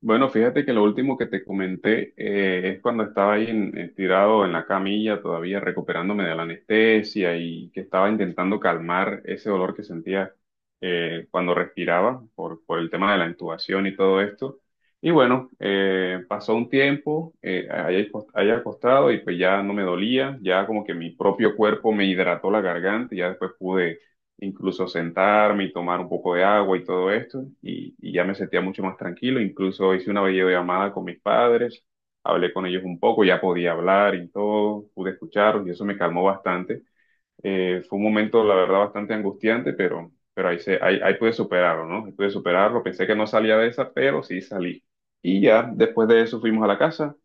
Bueno, fíjate que lo último que te comenté es cuando estaba ahí tirado en la camilla, todavía recuperándome de la anestesia y que estaba intentando calmar ese dolor que sentía cuando respiraba por el tema de la intubación y todo esto. Y bueno, pasó un tiempo ahí ahí acostado y pues ya no me dolía, ya como que mi propio cuerpo me hidrató la garganta y ya después pude incluso sentarme y tomar un poco de agua y todo esto, y ya me sentía mucho más tranquilo, incluso hice una videollamada con mis padres, hablé con ellos un poco, ya podía hablar y todo, pude escucharlos y eso me calmó bastante. Fue un momento, la verdad, bastante angustiante, pero ahí pude superarlo, ¿no? Ahí pude superarlo, pensé que no salía de esa, pero sí salí. Y ya después de eso fuimos a la casa.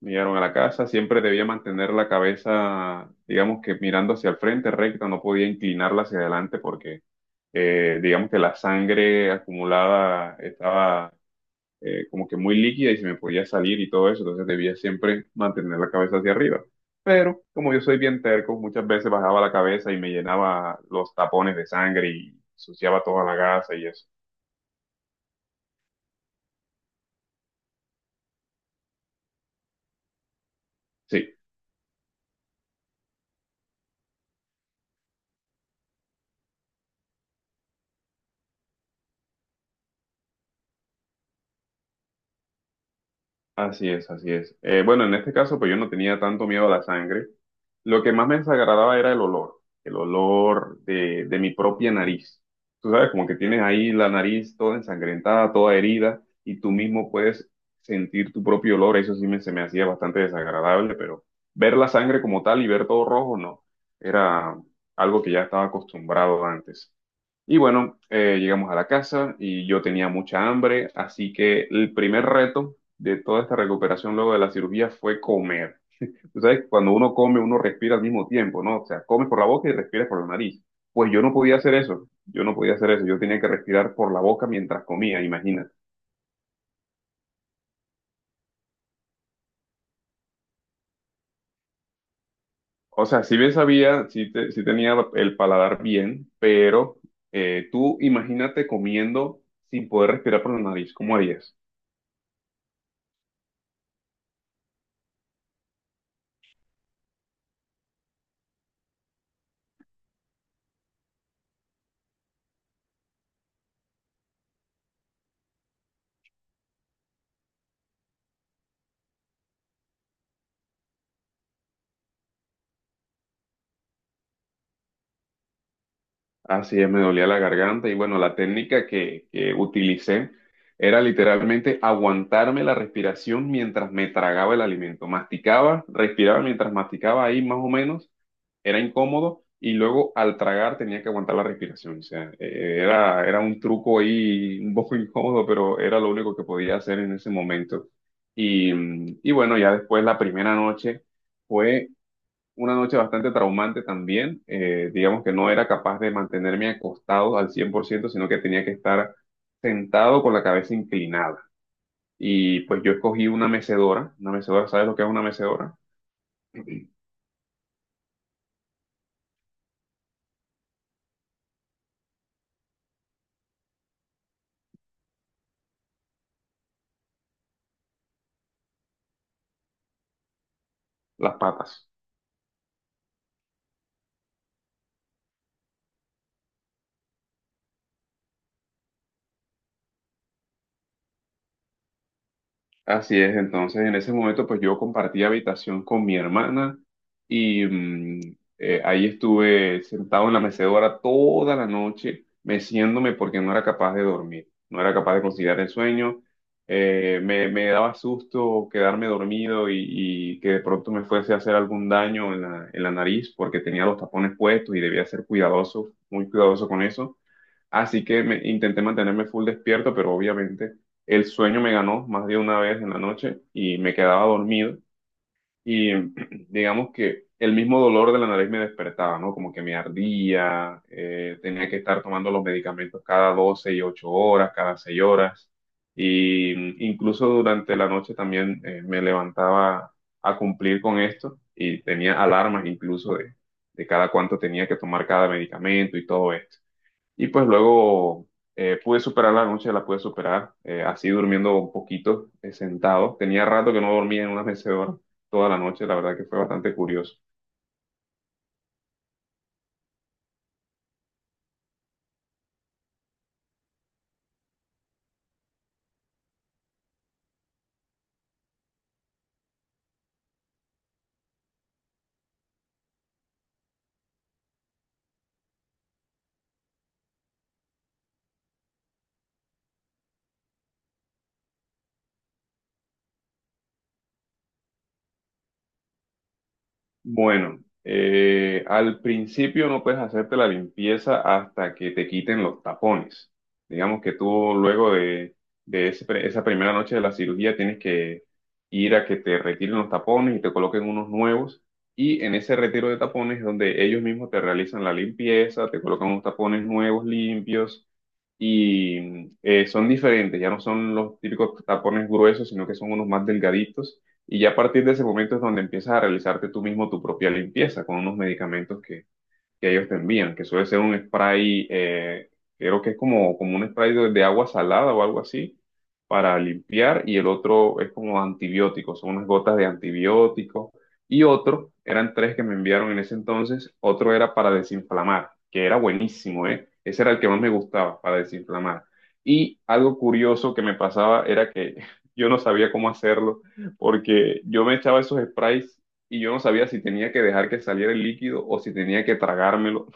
Llegaron a la casa, siempre debía mantener la cabeza, digamos que mirando hacia el frente recta, no podía inclinarla hacia adelante porque digamos que la sangre acumulada estaba como que muy líquida y se me podía salir y todo eso, entonces debía siempre mantener la cabeza hacia arriba. Pero como yo soy bien terco, muchas veces bajaba la cabeza y me llenaba los tapones de sangre y ensuciaba toda la gasa y eso. Sí. Así es, así es. Bueno, en este caso, pues yo no tenía tanto miedo a la sangre. Lo que más me desagradaba era el olor de mi propia nariz. Tú sabes, como que tienes ahí la nariz toda ensangrentada, toda herida, y tú mismo puedes sentir tu propio olor. Eso sí se me hacía bastante desagradable, pero ver la sangre como tal y ver todo rojo, no. Era algo que ya estaba acostumbrado antes. Y bueno, llegamos a la casa y yo tenía mucha hambre, así que el primer reto de toda esta recuperación luego de la cirugía fue comer. Tú sabes, cuando uno come, uno respira al mismo tiempo, ¿no? O sea, comes por la boca y respiras por la nariz. Pues yo no podía hacer eso, yo no podía hacer eso, yo tenía que respirar por la boca mientras comía, imagínate. O sea, si bien sabía, sí, sí tenía el paladar bien, pero tú imagínate comiendo sin poder respirar por la nariz, ¿cómo harías? Así es, me dolía la garganta y bueno, la técnica que utilicé era literalmente aguantarme la respiración mientras me tragaba el alimento. Masticaba, respiraba mientras masticaba ahí más o menos, era incómodo y luego al tragar tenía que aguantar la respiración. O sea, era un truco ahí un poco incómodo, pero era lo único que podía hacer en ese momento. Y bueno, ya después la primera noche fue una noche bastante traumante también. Digamos que no era capaz de mantenerme acostado al 100% sino que tenía que estar sentado con la cabeza inclinada. Y pues yo escogí una mecedora. Una mecedora, ¿sabes lo que es una mecedora? Las patas. Así es, entonces en ese momento pues yo compartí habitación con mi hermana y ahí estuve sentado en la mecedora toda la noche, meciéndome porque no era capaz de dormir, no era capaz de conciliar el sueño. Me daba susto quedarme dormido y que de pronto me fuese a hacer algún daño en en la nariz porque tenía los tapones puestos y debía ser cuidadoso, muy cuidadoso con eso. Así que intenté mantenerme full despierto, pero obviamente el sueño me ganó más de una vez en la noche y me quedaba dormido. Y digamos que el mismo dolor de la nariz me despertaba, ¿no? Como que me ardía, tenía que estar tomando los medicamentos cada 12 y 8 horas, cada 6 horas. Y incluso durante la noche también me levantaba a cumplir con esto y tenía alarmas incluso de cada cuánto tenía que tomar cada medicamento y todo esto. Y pues luego pude superar la noche, la pude superar, así durmiendo un poquito, sentado. Tenía rato que no dormía en una mecedora toda la noche, la verdad que fue bastante curioso. Bueno, al principio no puedes hacerte la limpieza hasta que te quiten los tapones. Digamos que tú luego de ese esa primera noche de la cirugía tienes que ir a que te retiren los tapones y te coloquen unos nuevos. Y en ese retiro de tapones es donde ellos mismos te realizan la limpieza, te colocan unos tapones nuevos, limpios. Y son diferentes, ya no son los típicos tapones gruesos, sino que son unos más delgaditos y ya a partir de ese momento es donde empiezas a realizarte tú mismo tu propia limpieza con unos medicamentos que ellos te envían, que suele ser un spray, creo que es como un spray de agua salada o algo así, para limpiar, y el otro es como antibiótico, son unas gotas de antibiótico, y otro, eran tres que me enviaron en ese entonces, otro era para desinflamar, que era buenísimo, ¿eh? Ese era el que más me gustaba, para desinflamar. Y algo curioso que me pasaba era que yo no sabía cómo hacerlo, porque yo me echaba esos sprays y yo no sabía si tenía que dejar que saliera el líquido o si tenía que tragármelo.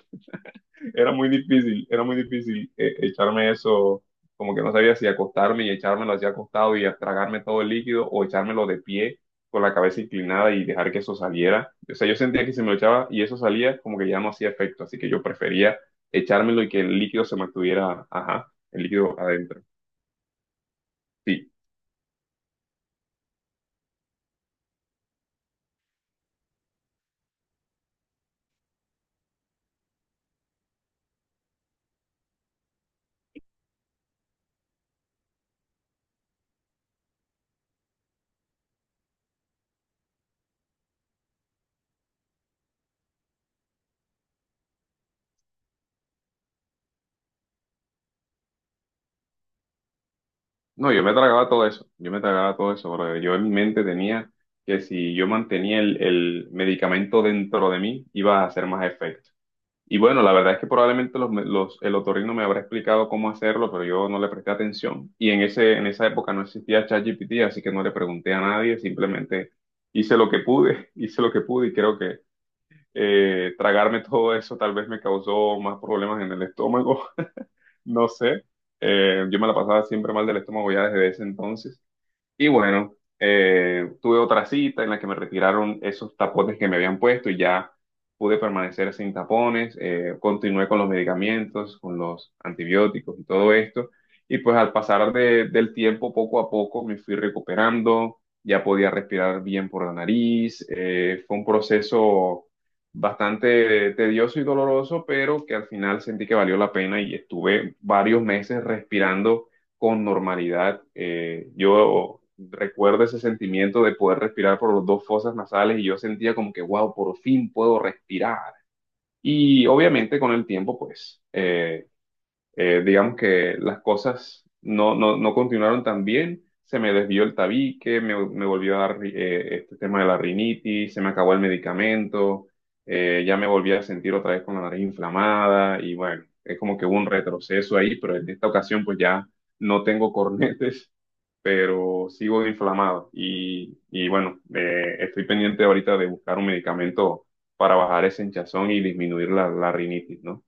Era muy difícil echarme eso, como que no sabía si acostarme y echármelo así acostado y tragarme todo el líquido o echármelo de pie con la cabeza inclinada y dejar que eso saliera. O sea, yo sentía que si me lo echaba y eso salía, como que ya no hacía efecto, así que yo prefería echármelo y que el líquido se mantuviera, ajá, el líquido adentro. Sí. No, yo me tragaba todo eso, yo me tragaba todo eso, brother. Yo en mi mente tenía que si yo mantenía el medicamento dentro de mí, iba a hacer más efecto. Y bueno, la verdad es que probablemente el otorrino me habrá explicado cómo hacerlo, pero yo no le presté atención. Y en en esa época no existía ChatGPT, así que no le pregunté a nadie, simplemente hice lo que pude, hice lo que pude y creo que tragarme todo eso tal vez me causó más problemas en el estómago, no sé. Yo me la pasaba siempre mal del estómago ya desde ese entonces. Y bueno, tuve otra cita en la que me retiraron esos tapones que me habían puesto y ya pude permanecer sin tapones. Eh, continué con los medicamentos, con los antibióticos y todo esto. Y pues al pasar del tiempo, poco a poco me fui recuperando, ya podía respirar bien por la nariz. Eh, fue un proceso bastante tedioso y doloroso, pero que al final sentí que valió la pena y estuve varios meses respirando con normalidad. Yo recuerdo ese sentimiento de poder respirar por los dos fosas nasales y yo sentía como que, wow, por fin puedo respirar. Y obviamente con el tiempo, pues, digamos que las cosas no continuaron tan bien, se me desvió el tabique, me volvió a dar este tema de la rinitis, se me acabó el medicamento, ya me volví a sentir otra vez con la nariz inflamada y bueno, es como que hubo un retroceso ahí, pero en esta ocasión pues ya no tengo cornetes, pero sigo inflamado y bueno, estoy pendiente ahorita de buscar un medicamento para bajar ese hinchazón y disminuir la rinitis, ¿no?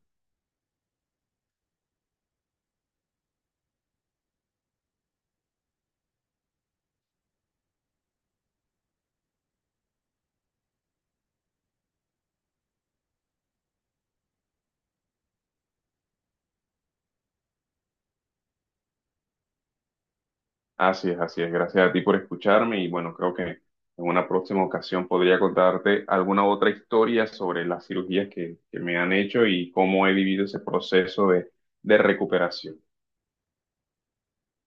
Así es, así es. Gracias a ti por escucharme y bueno, creo que en una próxima ocasión podría contarte alguna otra historia sobre las cirugías que me han hecho y cómo he vivido ese proceso de recuperación.